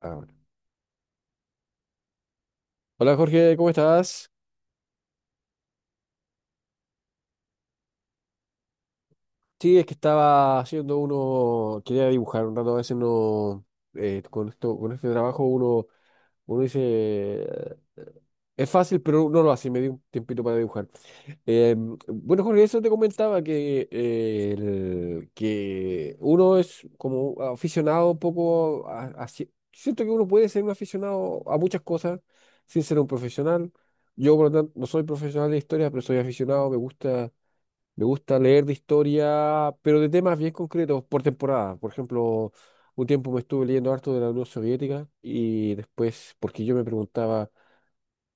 Ahora. Hola Jorge, ¿cómo estás? Sí, es que estaba haciendo uno, quería dibujar un rato, a veces no, con esto, con este trabajo uno, uno dice, es fácil, pero no lo hace, me di un tiempito para dibujar. Eh, bueno Jorge, eso te comentaba que, que uno es como aficionado un poco a, siento que uno puede ser un aficionado a muchas cosas sin ser un profesional. Yo, por lo tanto, no soy profesional de historia, pero soy aficionado, me gusta. Me gusta leer de historia, pero de temas bien concretos por temporada. Por ejemplo, un tiempo me estuve leyendo harto de la Unión Soviética y después, porque yo me preguntaba,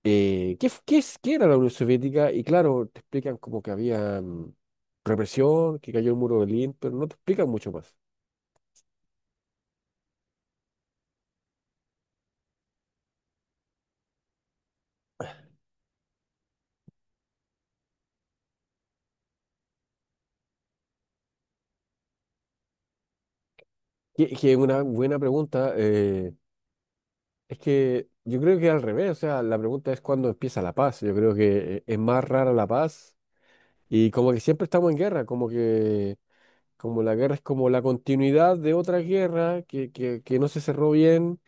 ¿qué, qué es, qué era la Unión Soviética? Y claro, te explican como que había, represión, que cayó el muro de Berlín, pero no te explican mucho más. Que es una buena pregunta. Es que yo creo que al revés, o sea, la pregunta es cuándo empieza la paz. Yo creo que, es más rara la paz y como que siempre estamos en guerra, como que... Como la guerra es como la continuidad de otra guerra que no se cerró bien.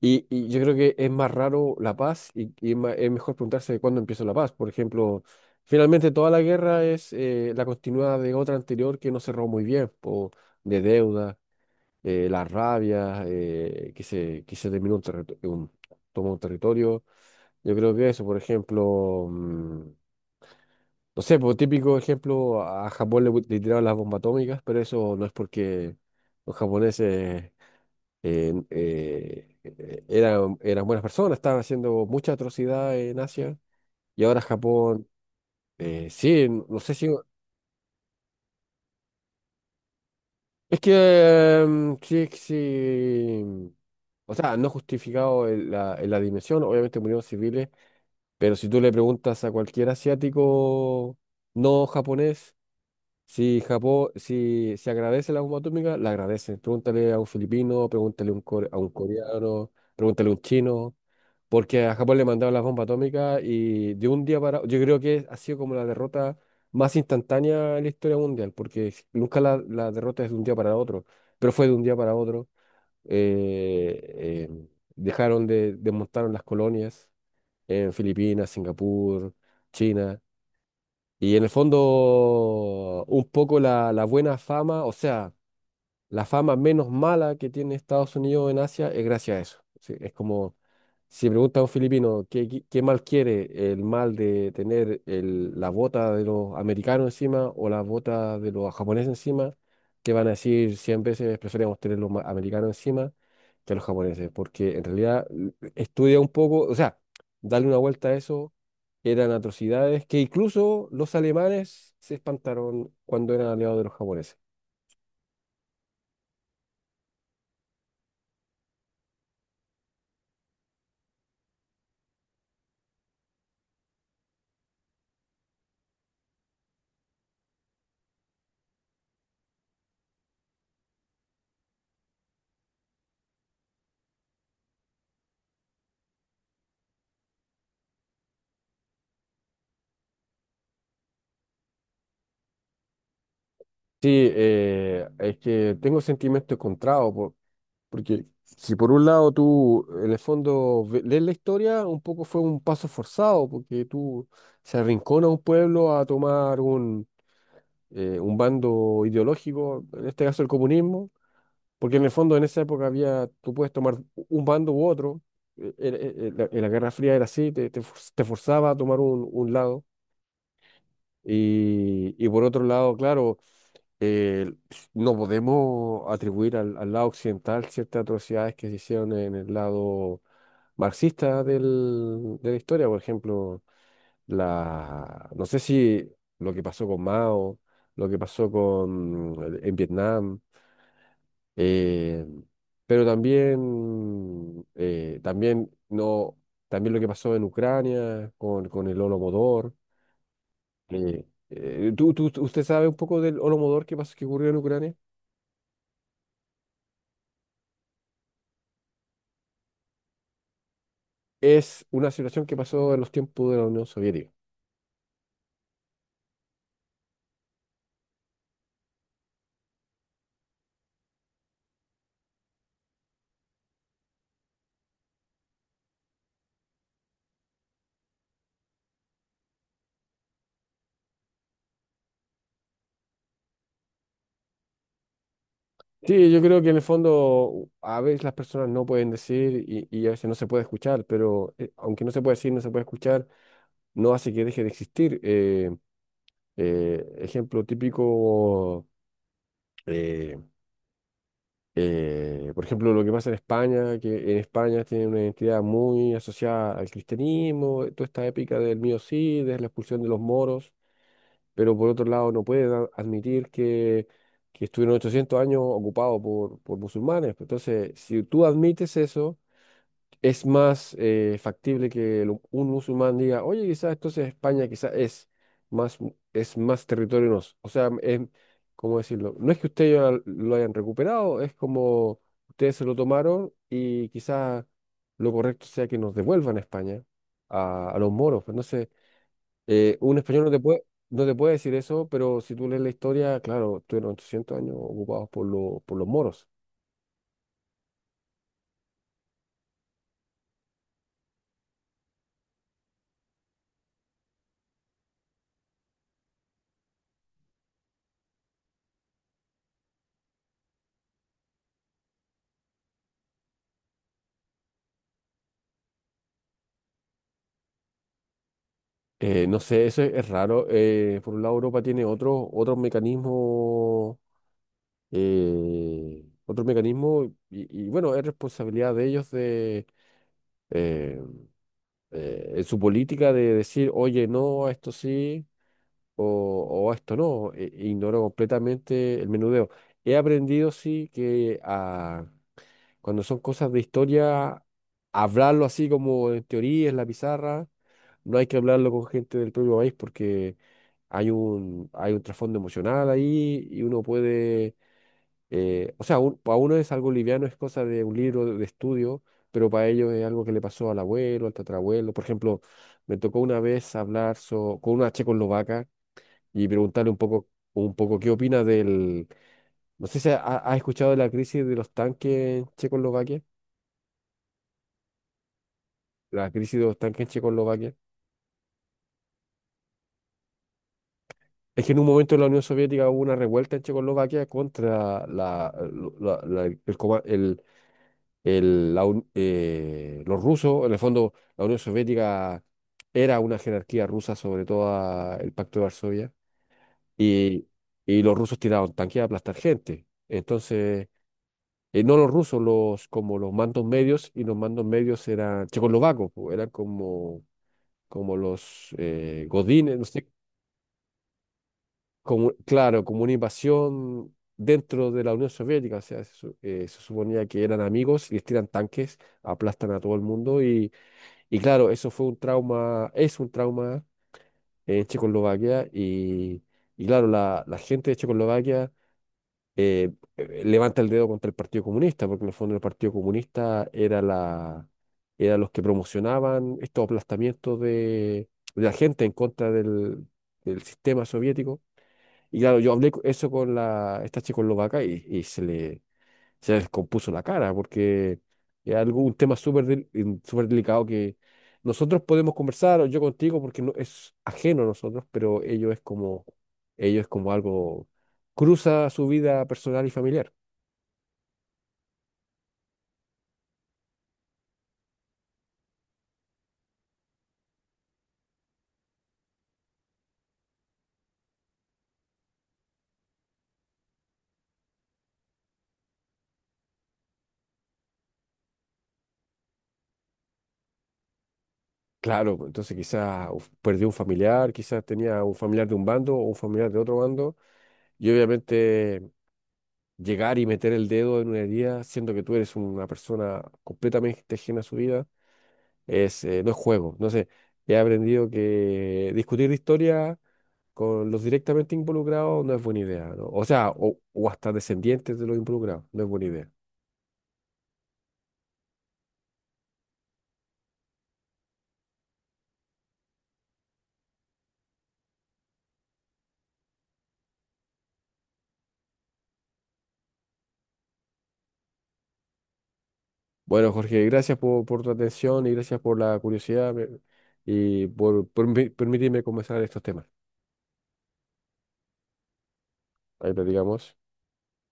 Y yo creo que es más raro la paz y es es mejor preguntarse cuándo empieza la paz. Por ejemplo, finalmente toda la guerra es, la continuidad de otra anterior que no cerró muy bien, po, de deuda, la rabia, que se terminó un territorio, tomó un territorio. Yo creo que eso, por ejemplo. No sé, por típico ejemplo, a Japón le, le tiraron las bombas atómicas, pero eso no es porque los japoneses eran buenas personas, estaban haciendo mucha atrocidad en Asia. Y ahora Japón, sí, no sé si... Es que, sí, sí... O sea, no justificado en en la dimensión, obviamente murieron civiles, pero si tú le preguntas a cualquier asiático no japonés, si Japón, si agradece la bomba atómica, la agradece. Pregúntale a un filipino, pregúntale a un, a un coreano, pregúntale a un chino, porque a Japón le mandaron las bombas atómicas y de un día para... Yo creo que ha sido como la derrota más instantánea en la historia mundial, porque nunca la derrota es de un día para otro, pero fue de un día para otro. Eh, eh, Dejaron de, desmontaron las colonias en Filipinas, Singapur, China. Y en el fondo, un poco la buena fama, o sea, la fama menos mala que tiene Estados Unidos en Asia es gracias a eso. Sí, es como si pregunta a un filipino qué, qué mal quiere, el mal de tener la bota de los americanos encima o la bota de los japoneses encima, te van a decir 100 veces preferimos tener los americanos encima que los japoneses, porque en realidad estudia un poco, o sea, darle una vuelta a eso. Eran atrocidades que incluso los alemanes se espantaron cuando eran aliados de los japoneses. Sí, es que tengo sentimientos encontrados, porque si por un lado tú en el fondo lees la historia, un poco fue un paso forzado, porque tú se arrincona un pueblo a tomar un bando ideológico, en este caso el comunismo, porque en el fondo en esa época había, tú puedes tomar un bando u otro, en la Guerra Fría era así, te, te forzaba a tomar un lado, y por otro lado, claro, eh, no podemos atribuir al, al lado occidental ciertas atrocidades que se hicieron en el lado marxista de la historia. Por ejemplo, la, no sé si lo que pasó con Mao, lo que pasó con, en Vietnam, eh, pero también, también, no, también lo que pasó en Ucrania con el Holodomor. ¿Tú, usted sabe un poco del Holodomor que pasó, que ocurrió en Ucrania? Es una situación que pasó en los tiempos de la Unión Soviética. Sí, yo creo que en el fondo a veces las personas no pueden decir y a veces no se puede escuchar, pero, aunque no se puede decir, no se puede escuchar, no hace que deje de existir. Ejemplo típico, eh, por ejemplo, lo que pasa en España, que en España tiene una identidad muy asociada al cristianismo, toda esta épica del mío sí, de la expulsión de los moros, pero por otro lado no puede admitir que estuvieron 800 años ocupados por musulmanes. Entonces, si tú admites eso, es más, factible que un musulmán diga, oye, quizás entonces España quizás es más, es más territorio O sea, es, ¿cómo decirlo? No es que ustedes ya lo hayan recuperado, es como ustedes se lo tomaron y quizás lo correcto sea que nos devuelvan a España, a los moros. Pues, entonces. Un español no te puede, no te puede decir eso, pero si tú lees la historia, claro, tuvieron 800 años ocupados por, por los moros. No sé, eso es raro. Por un lado, Europa tiene otros mecanismos, otros mecanismos, y bueno, es responsabilidad de ellos de, eh, en su política de decir, oye, no, a esto sí, o, o a esto no. E ignoro completamente el menudeo. He aprendido, sí, que cuando son cosas de historia, hablarlo así como en teoría, en la pizarra, no hay que hablarlo con gente del propio país porque hay un trasfondo emocional ahí y uno puede, o sea, para uno es algo liviano, es cosa de un libro de estudio, pero para ellos es algo que le pasó al abuelo, al tatarabuelo. Por ejemplo, me tocó una vez hablar con una checoslovaca y preguntarle un poco qué opina del, no sé si ha, ha escuchado de la crisis de los tanques en Checoslovaquia. La crisis de estanque en Checoslovaquia. Es que en un momento en la Unión Soviética hubo una revuelta en Checoslovaquia contra la, el, los rusos. En el fondo, la Unión Soviética era una jerarquía rusa sobre todo el Pacto de Varsovia. Y, y los rusos tiraron tanques a aplastar gente. Entonces, no los rusos, los, como los mandos medios, y los mandos medios eran checoslovacos, po, eran como, como los, godines, no sé, como, claro, como una invasión dentro de la Unión Soviética. O sea, se, se suponía que eran amigos y les tiran tanques, aplastan a todo el mundo. Y claro, eso fue un trauma, es un trauma en Checoslovaquia. Y claro, la gente de Checoslovaquia eh, levanta el dedo contra el Partido Comunista, porque en el fondo el Partido Comunista era la, era los que promocionaban estos aplastamientos de la gente en contra del del sistema soviético. Y claro, yo hablé eso con la, esta checoslovaca y se le descompuso la cara porque es algo, un tema súper súper delicado que nosotros podemos conversar, o yo contigo, porque no, es ajeno a nosotros, pero ello es como algo, cruza su vida personal y familiar. Claro, pues, entonces quizás perdió un familiar, quizás tenía un familiar de un bando o un familiar de otro bando, y obviamente llegar y meter el dedo en una herida, siendo que tú eres una persona completamente ajena a su vida, es, no es juego. Entonces, he aprendido que discutir de historia con los directamente involucrados no es buena idea, ¿no? O sea, o hasta descendientes de los involucrados, no es buena idea. Bueno, Jorge, gracias por tu atención y gracias por la curiosidad y por, permitirme conversar estos temas. Ahí platicamos.